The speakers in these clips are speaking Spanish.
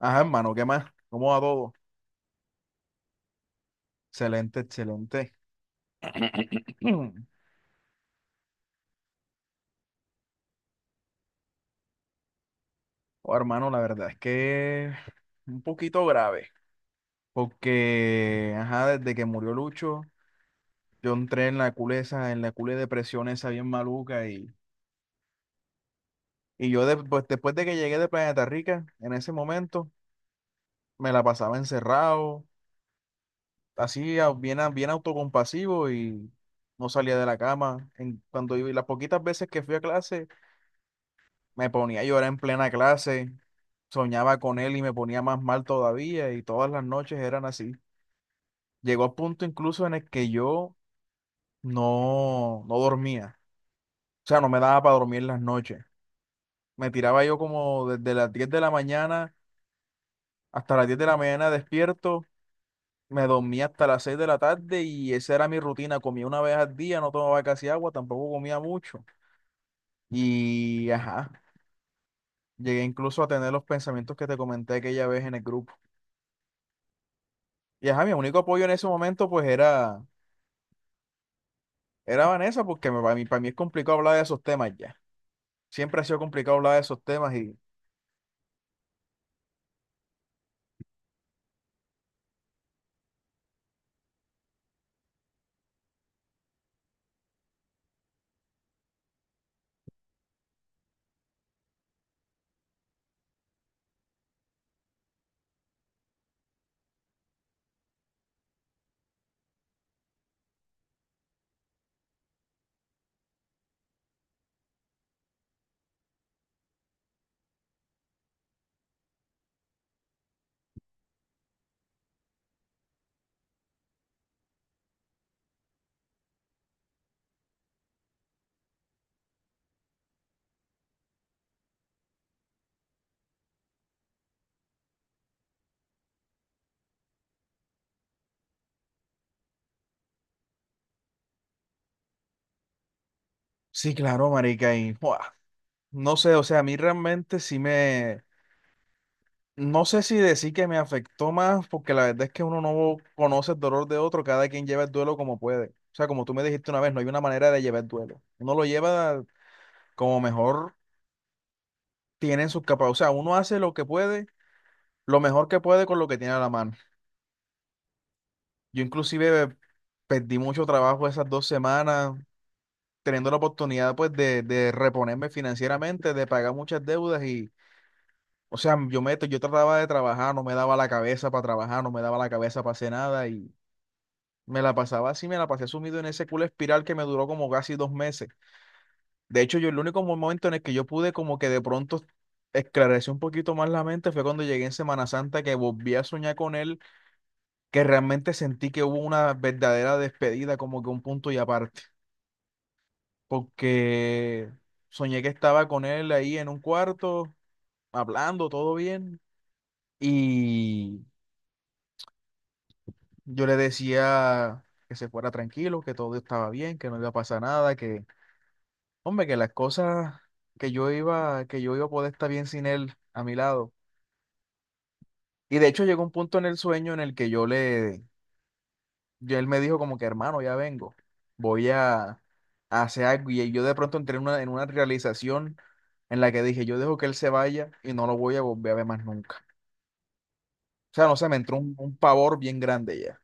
Ajá, hermano, ¿qué más? ¿Cómo va todo? Excelente, excelente. Oh, hermano, la verdad es que un poquito grave, porque, ajá, desde que murió Lucho, yo entré en la cule de depresión esa bien maluca y pues, después de que llegué de Planeta Rica, en ese momento, me la pasaba encerrado, así bien autocompasivo y no salía de la cama. Cuando iba, y las poquitas veces que fui a clase, me ponía a llorar en plena clase, soñaba con él y me ponía más mal todavía y todas las noches eran así. Llegó a punto incluso en el que yo no, no dormía, o sea, no me daba para dormir las noches. Me tiraba yo como desde las 10 de la mañana hasta las 10 de la mañana despierto, me dormía hasta las 6 de la tarde y esa era mi rutina. Comía una vez al día, no tomaba casi agua, tampoco comía mucho. Y ajá, llegué incluso a tener los pensamientos que te comenté aquella vez en el grupo. Y ajá, mi único apoyo en ese momento pues era Vanessa, porque para mí es complicado hablar de esos temas ya. Siempre ha sido complicado hablar de esos temas y sí, claro, marica, y ¡buah! No sé, o sea, a mí realmente no sé si decir que me afectó más, porque la verdad es que uno no conoce el dolor de otro, cada quien lleva el duelo como puede. O sea, como tú me dijiste una vez, no hay una manera de llevar el duelo. Uno lo lleva como mejor tiene en sus capacidades. O sea, uno hace lo que puede, lo mejor que puede con lo que tiene a la mano. Yo inclusive perdí mucho trabajo esas 2 semanas, teniendo la oportunidad pues de reponerme financieramente, de pagar muchas deudas y, o sea, yo trataba de trabajar, no me daba la cabeza para trabajar, no me daba la cabeza para hacer nada y me la pasaba así, me la pasé sumido en ese culo espiral que me duró como casi 2 meses. De hecho, yo el único momento en el que yo pude como que de pronto esclarecer un poquito más la mente fue cuando llegué en Semana Santa que volví a soñar con él, que realmente sentí que hubo una verdadera despedida, como que un punto y aparte. Porque soñé que estaba con él ahí en un cuarto, hablando, todo bien, y yo le decía que se fuera tranquilo, que todo estaba bien, que no iba a pasar nada, que, hombre, que las cosas que yo iba a poder estar bien sin él a mi lado. Y de hecho llegó un punto en el sueño en el que yo le y él me dijo como que, hermano, ya vengo, voy a, a hacer algo. Y yo de pronto entré en una realización en la que dije, yo dejo que él se vaya y no lo voy a volver a ver más nunca. O sea, no sé, me entró un pavor bien grande ya.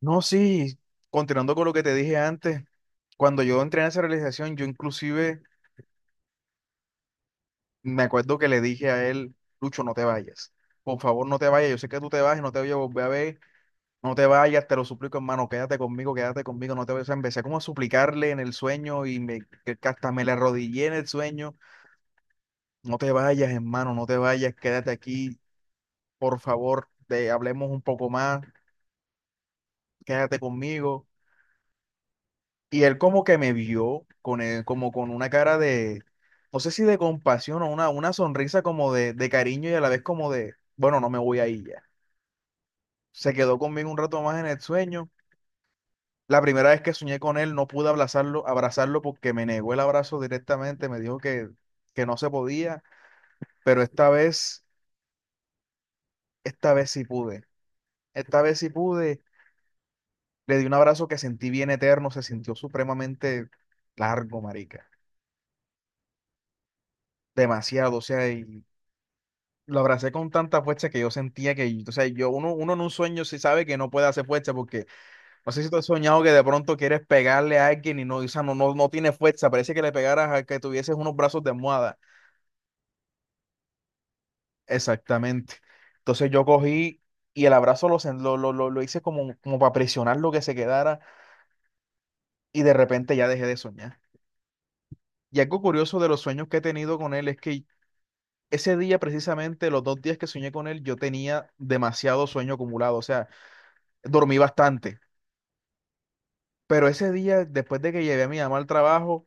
No, sí, continuando con lo que te dije antes, cuando yo entré en esa realización, yo inclusive me acuerdo que le dije a él, Lucho, no te vayas. Por favor, no te vayas. Yo sé que tú te vas y no te voy a volver a ver. No te vayas, te lo suplico, hermano, quédate conmigo, no te vayas. O sea, empecé como a suplicarle en el sueño y me, que hasta me le arrodillé en el sueño. No te vayas, hermano, no te vayas, quédate aquí, por favor, te hablemos un poco más, quédate conmigo. Y él como que me vio con él, como con una cara de, no sé si de compasión o una sonrisa como de cariño y a la vez como de, bueno, no me voy ahí ya. Se quedó conmigo un rato más en el sueño. La primera vez que soñé con él, no pude abrazarlo porque me negó el abrazo directamente, me dijo que no se podía, pero esta vez sí pude. Esta vez sí pude, le di un abrazo que sentí bien eterno, se sintió supremamente largo, marica. Demasiado, o sea, y lo abracé con tanta fuerza que yo sentía que, o sea, yo, uno, uno en un sueño sí sabe que no puede hacer fuerza porque no sé si tú has soñado que de pronto quieres pegarle a alguien y no, o sea, no, no, no tiene fuerza, parece que le pegaras a que tuvieses unos brazos de almohada. Exactamente. Entonces yo cogí y el abrazo lo, sen- lo hice como, como para presionar lo que se quedara y de repente ya dejé de soñar. Y algo curioso de los sueños que he tenido con él es que ese día precisamente, los 2 días que soñé con él, yo tenía demasiado sueño acumulado, o sea, dormí bastante. Pero ese día, después de que llevé a mi mamá al trabajo,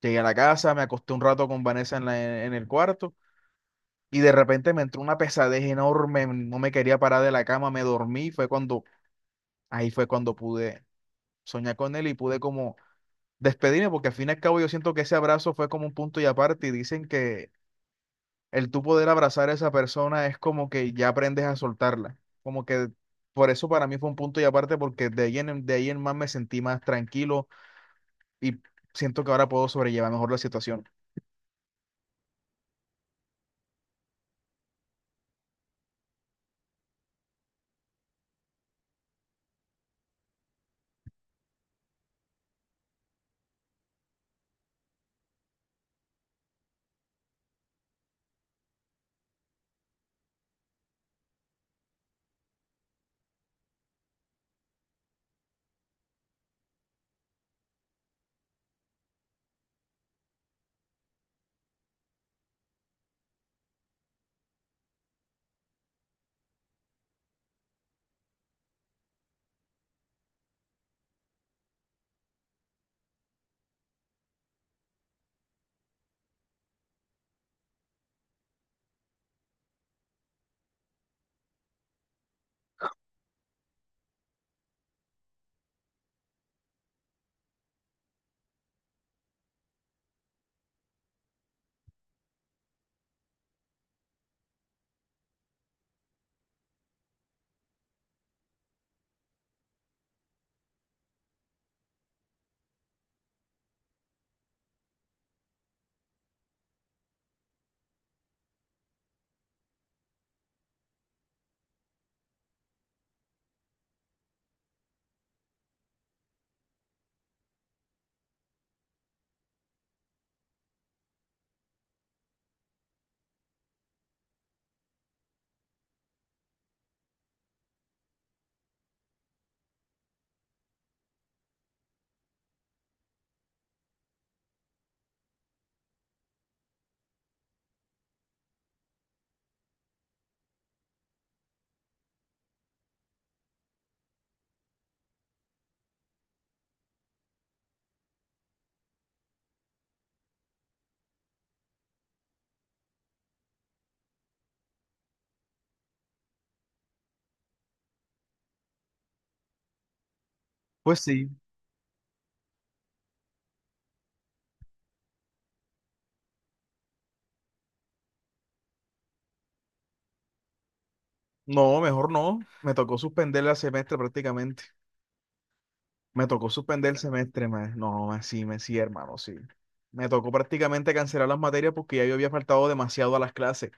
llegué a la casa, me acosté un rato con Vanessa en, en el cuarto y de repente me entró una pesadez enorme, no me quería parar de la cama, me dormí, ahí fue cuando pude soñé con él y pude como despedirme, porque al fin y al cabo yo siento que ese abrazo fue como un punto y aparte, y dicen que el tú poder abrazar a esa persona es como que ya aprendes a soltarla, como que por eso para mí fue un punto y aparte, porque de ahí en más me sentí más tranquilo y siento que ahora puedo sobrellevar mejor la situación. Pues sí, no, mejor no, me tocó suspender el semestre prácticamente. Me tocó suspender el semestre, más. No, más sí, me sí, hermano, sí. Me tocó prácticamente cancelar las materias porque ya yo había faltado demasiado a las clases.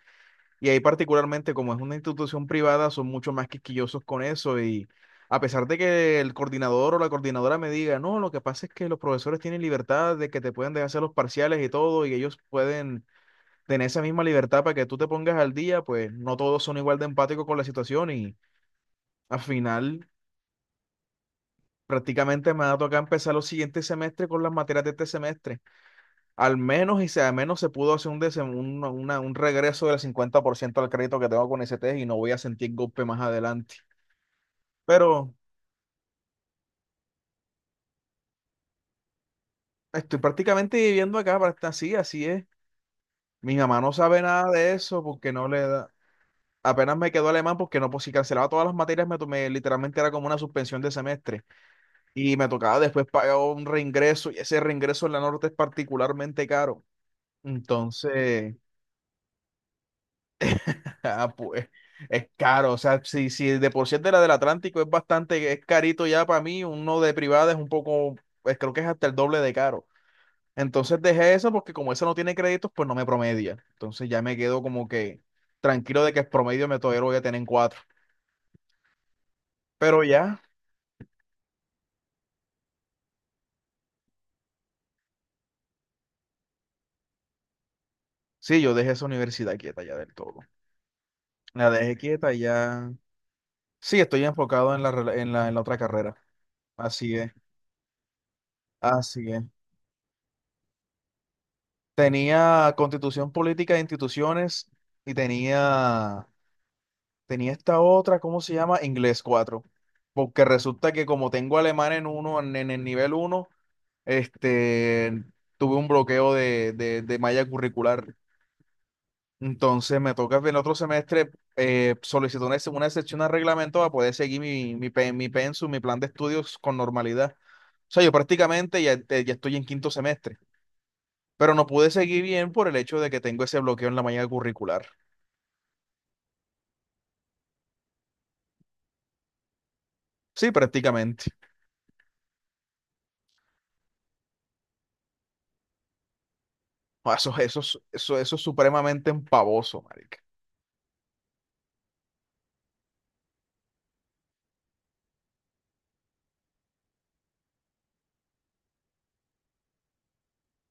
Y ahí particularmente, como es una institución privada, son mucho más quisquillosos con eso. Y a pesar de que el coordinador o la coordinadora me diga, no, lo que pasa es que los profesores tienen libertad de que te pueden dejar hacer los parciales y todo, y ellos pueden tener esa misma libertad para que tú te pongas al día, pues no todos son igual de empáticos con la situación. Y al final, prácticamente me ha tocado empezar los siguientes semestres con las materias de este semestre. Al menos, y sea al menos se pudo hacer un, desem- un, una- un regreso del 50% al crédito que tengo con ST y no voy a sentir golpe más adelante. Pero estoy prácticamente viviendo acá, así, así es. Mi mamá no sabe nada de eso porque no le da. Apenas me quedó alemán porque no, pues si cancelaba todas las materias, me tomé, literalmente era como una suspensión de semestre. Y me tocaba después pagar un reingreso y ese reingreso en la norte es particularmente caro. Entonces... Ah, pues es caro, o sea, si, si de por sí el de la del Atlántico es bastante, es carito ya para mí, uno de privada es un poco, pues, creo que es hasta el doble de caro. Entonces dejé eso porque como esa no tiene créditos, pues no me promedia. Entonces ya me quedo como que tranquilo de que el promedio me todavía lo voy a tener en 4. Pero ya, sí, yo dejé esa universidad quieta ya del todo. La dejé quieta ya. Sí, estoy enfocado en la, rela- en la otra carrera. Así es, así es. Tenía Constitución Política de Instituciones y tenía esta otra, ¿cómo se llama? Inglés 4. Porque resulta que como tengo alemán en uno, en el nivel 1 este, tuve un bloqueo de malla curricular. Entonces me toca en el otro semestre solicitar una excepción al reglamento para poder seguir mi pensum, mi plan de estudios con normalidad. O sea, yo prácticamente ya estoy en quinto semestre pero no pude seguir bien por el hecho de que tengo ese bloqueo en la mañana curricular. Sí, prácticamente. Ah, eso es supremamente empavoso, marica.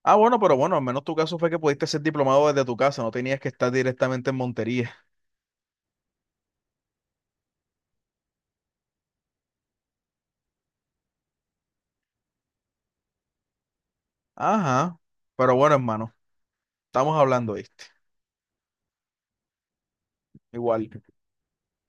Ah, bueno, pero bueno, al menos tu caso fue que pudiste ser diplomado desde tu casa, no tenías que estar directamente en Montería. Ajá, pero bueno, hermano, estamos hablando, ¿viste? Igual.